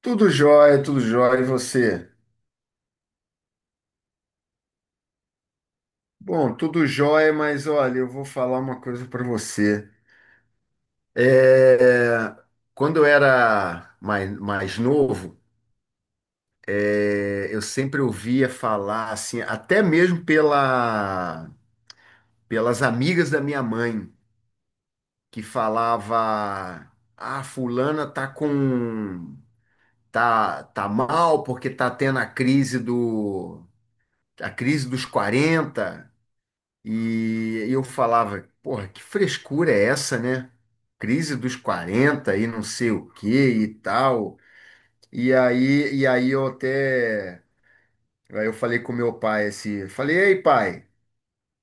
Tudo jóia, e você? Bom, tudo jóia, mas olha, eu vou falar uma coisa para você. É, Quando eu era mais novo, eu sempre ouvia falar, assim, até mesmo pelas amigas da minha mãe, que falava, ah, fulana tá mal porque tá tendo a crise dos 40. E eu falava, porra, que frescura é essa, né? Crise dos 40 e não sei o que e tal. E aí eu até. Aí eu falei com meu pai assim, falei, ei pai,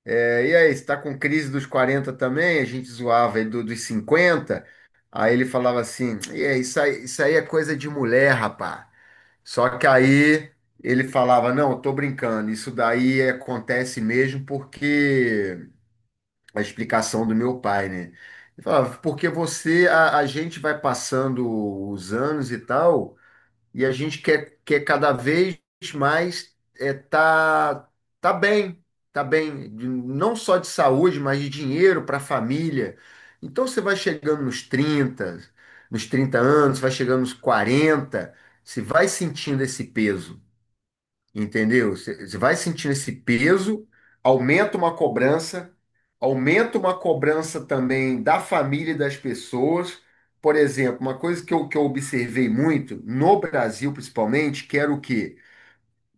e aí, você tá com crise dos 40 também? A gente zoava ele dos 50. Aí ele falava assim, e aí, isso aí é coisa de mulher, rapá. Só que aí ele falava, não, eu tô brincando, isso daí acontece mesmo porque a explicação do meu pai, né? Ele falava, porque você, a gente vai passando os anos e tal, e a gente quer cada vez mais, é, tá, tá bem, tá bem, não só de saúde, mas de dinheiro para a família. Então você vai chegando nos 30, nos 30 anos, vai chegando nos 40, você vai sentindo esse peso. Entendeu? Você vai sentindo esse peso, aumenta uma cobrança, aumenta uma cobrança também da família e das pessoas. Por exemplo, uma coisa que eu observei muito, no Brasil principalmente, que era o quê?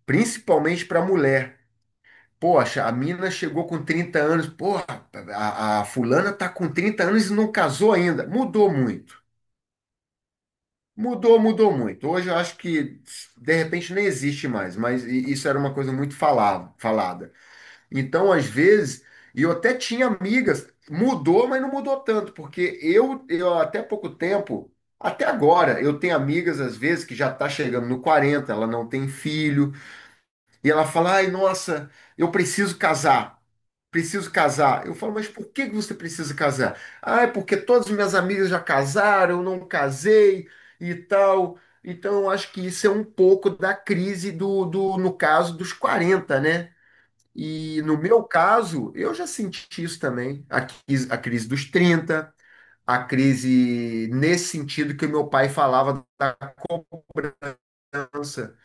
Principalmente para mulher. Poxa, a mina chegou com 30 anos, porra, a fulana tá com 30 anos e não casou ainda. Mudou muito. Mudou, mudou muito. Hoje eu acho que de repente nem existe mais, mas isso era uma coisa muito falada. Então, às vezes, e eu até tinha amigas, mudou, mas não mudou tanto, porque eu até pouco tempo, até agora, eu tenho amigas, às vezes, que já está chegando no 40, ela não tem filho, e ela fala, ai, nossa, eu preciso casar. Preciso casar. Eu falo, mas por que que você precisa casar? Ah, é porque todas as minhas amigas já casaram, eu não casei e tal. Então, eu acho que isso é um pouco da crise no caso, dos 40, né? E no meu caso, eu já senti isso também, a crise dos 30, a crise nesse sentido que o meu pai falava da cobrança.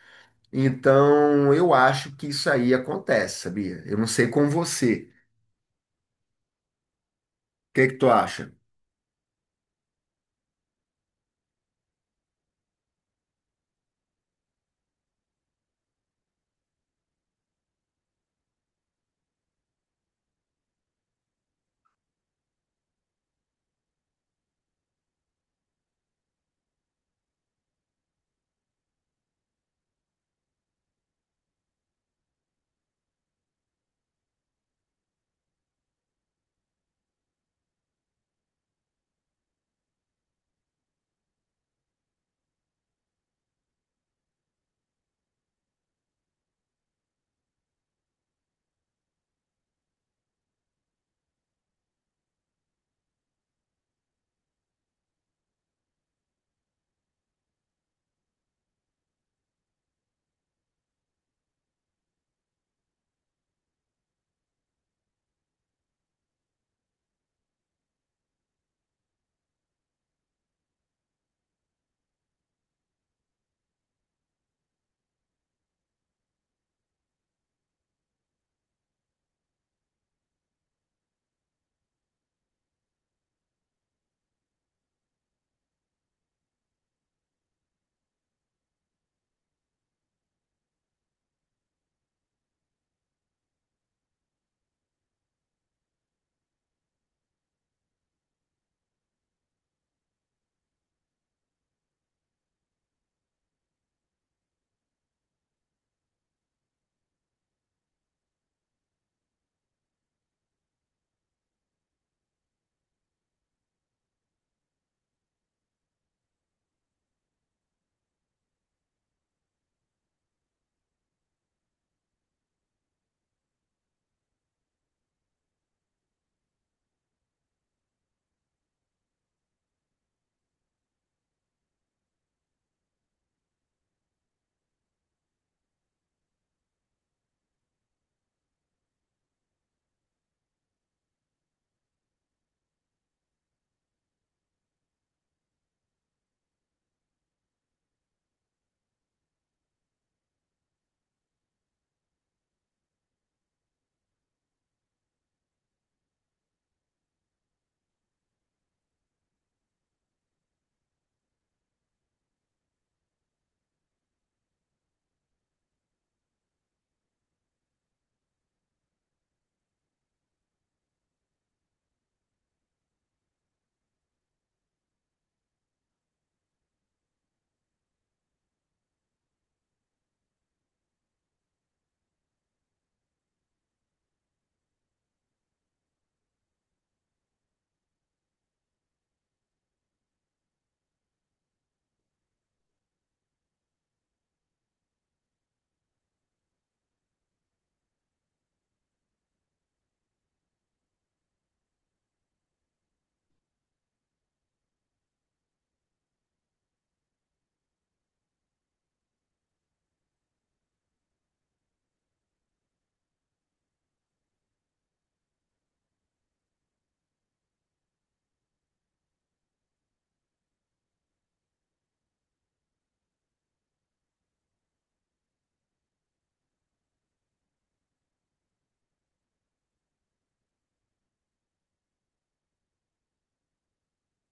Então, eu acho que isso aí acontece, sabia? Eu não sei com você. O que que tu acha?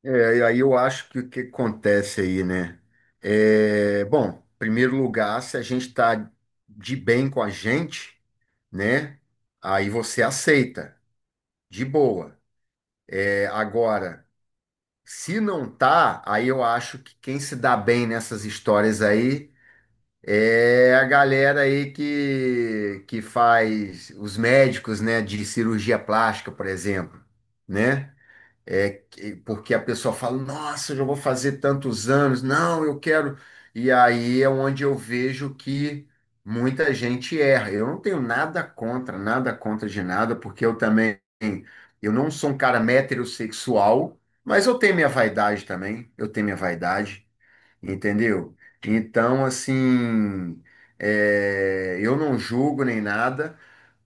E aí eu acho que o que acontece aí, né? Bom, em primeiro lugar, se a gente está de bem com a gente, né? Aí você aceita, de boa. É, agora. Se não tá, aí eu acho que quem se dá bem nessas histórias aí é a galera aí que faz os médicos, né, de cirurgia plástica, por exemplo, né? Porque a pessoa fala, nossa, eu já vou fazer tantos anos, não, eu quero. E aí é onde eu vejo que muita gente erra. Eu não tenho nada contra, nada contra de nada, porque eu também, eu não sou um cara heterossexual, mas eu tenho minha vaidade também, eu tenho minha vaidade, entendeu? Então, assim, eu não julgo nem nada.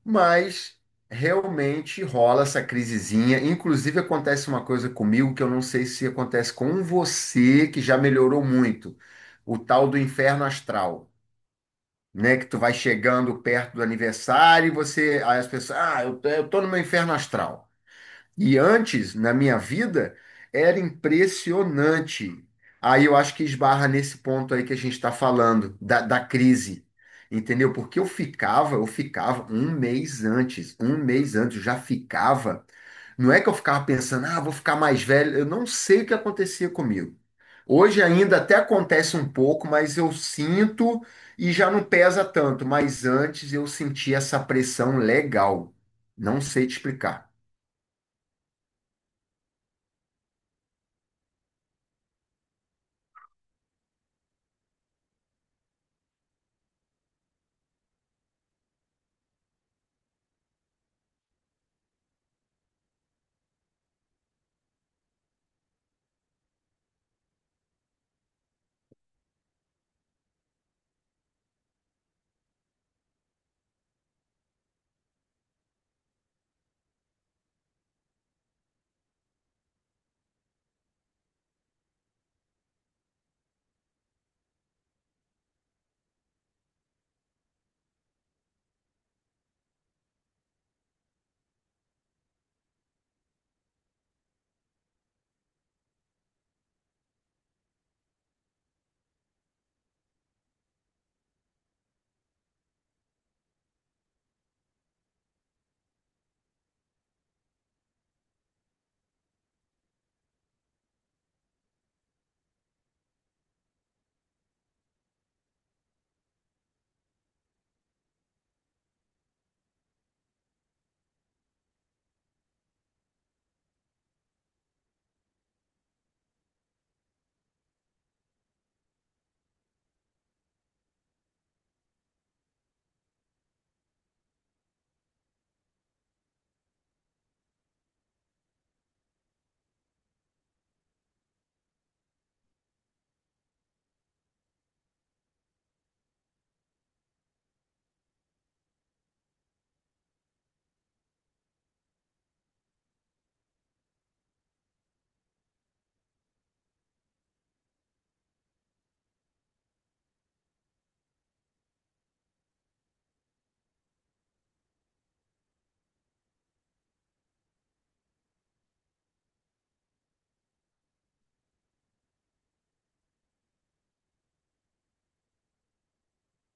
Mas realmente rola essa crisezinha. Inclusive, acontece uma coisa comigo que eu não sei se acontece com você, que já melhorou muito. O tal do inferno astral, né? Que tu vai chegando perto do aniversário e você. Aí as pessoas, ah, eu tô no meu inferno astral. E antes, na minha vida, era impressionante. Aí eu acho que esbarra nesse ponto aí que a gente está falando, da crise. Entendeu? Porque eu ficava um mês antes, eu já ficava. Não é que eu ficava pensando, ah, vou ficar mais velho. Eu não sei o que acontecia comigo. Hoje ainda até acontece um pouco, mas eu sinto e já não pesa tanto. Mas antes eu sentia essa pressão legal. Não sei te explicar.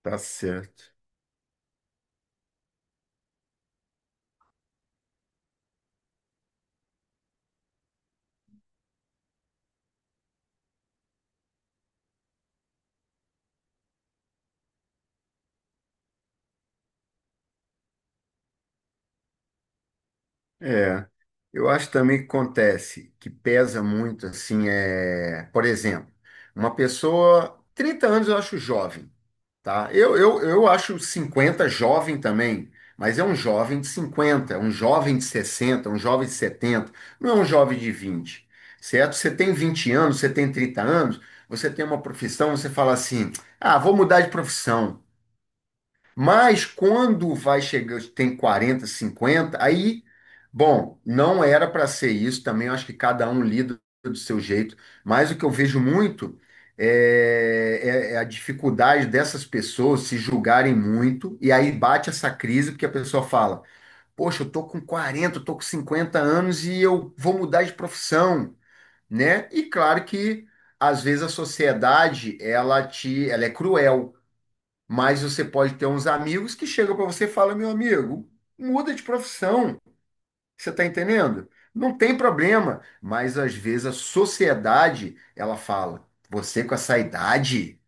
Tá certo. É, eu acho também que acontece, que pesa muito, assim, por exemplo, uma pessoa, 30 anos eu acho jovem, tá? Eu acho 50 jovem também, mas é um jovem de 50, um jovem de 60, um jovem de 70, não é um jovem de 20, certo? Você tem 20 anos, você tem 30 anos, você tem uma profissão, você fala assim, ah, vou mudar de profissão. Mas quando vai chegando, tem 40, 50, aí, bom, não era para ser isso também, eu acho que cada um lida do seu jeito, mas o que eu vejo muito é a dificuldade dessas pessoas se julgarem muito, e aí bate essa crise, porque a pessoa fala: poxa, eu tô com 40, eu tô com 50 anos e eu vou mudar de profissão, né? E claro que às vezes a sociedade ela é cruel. Mas você pode ter uns amigos que chegam para você e falam, meu amigo, muda de profissão. Você está entendendo? Não tem problema. Mas às vezes a sociedade, ela fala, você com essa idade,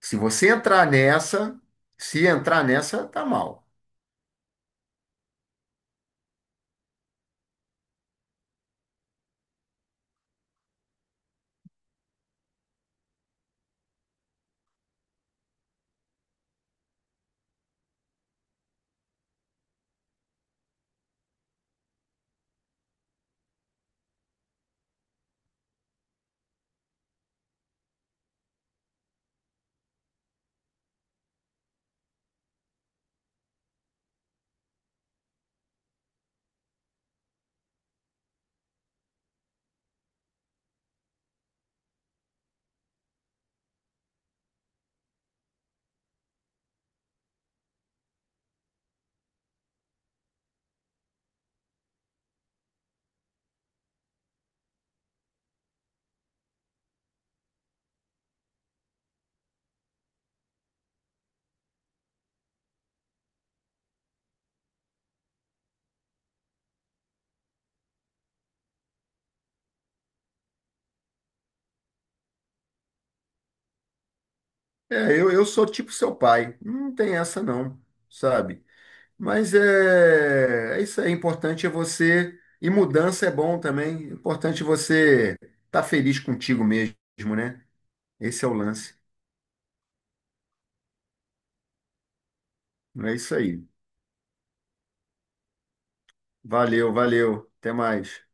se você entrar nessa, se entrar nessa, tá mal. Eu sou tipo seu pai. Não tem essa não, sabe? Mas é isso aí. É importante é você. E mudança é bom também. É importante você estar tá feliz contigo mesmo, né? Esse é o lance. É isso aí. Valeu, valeu. Até mais.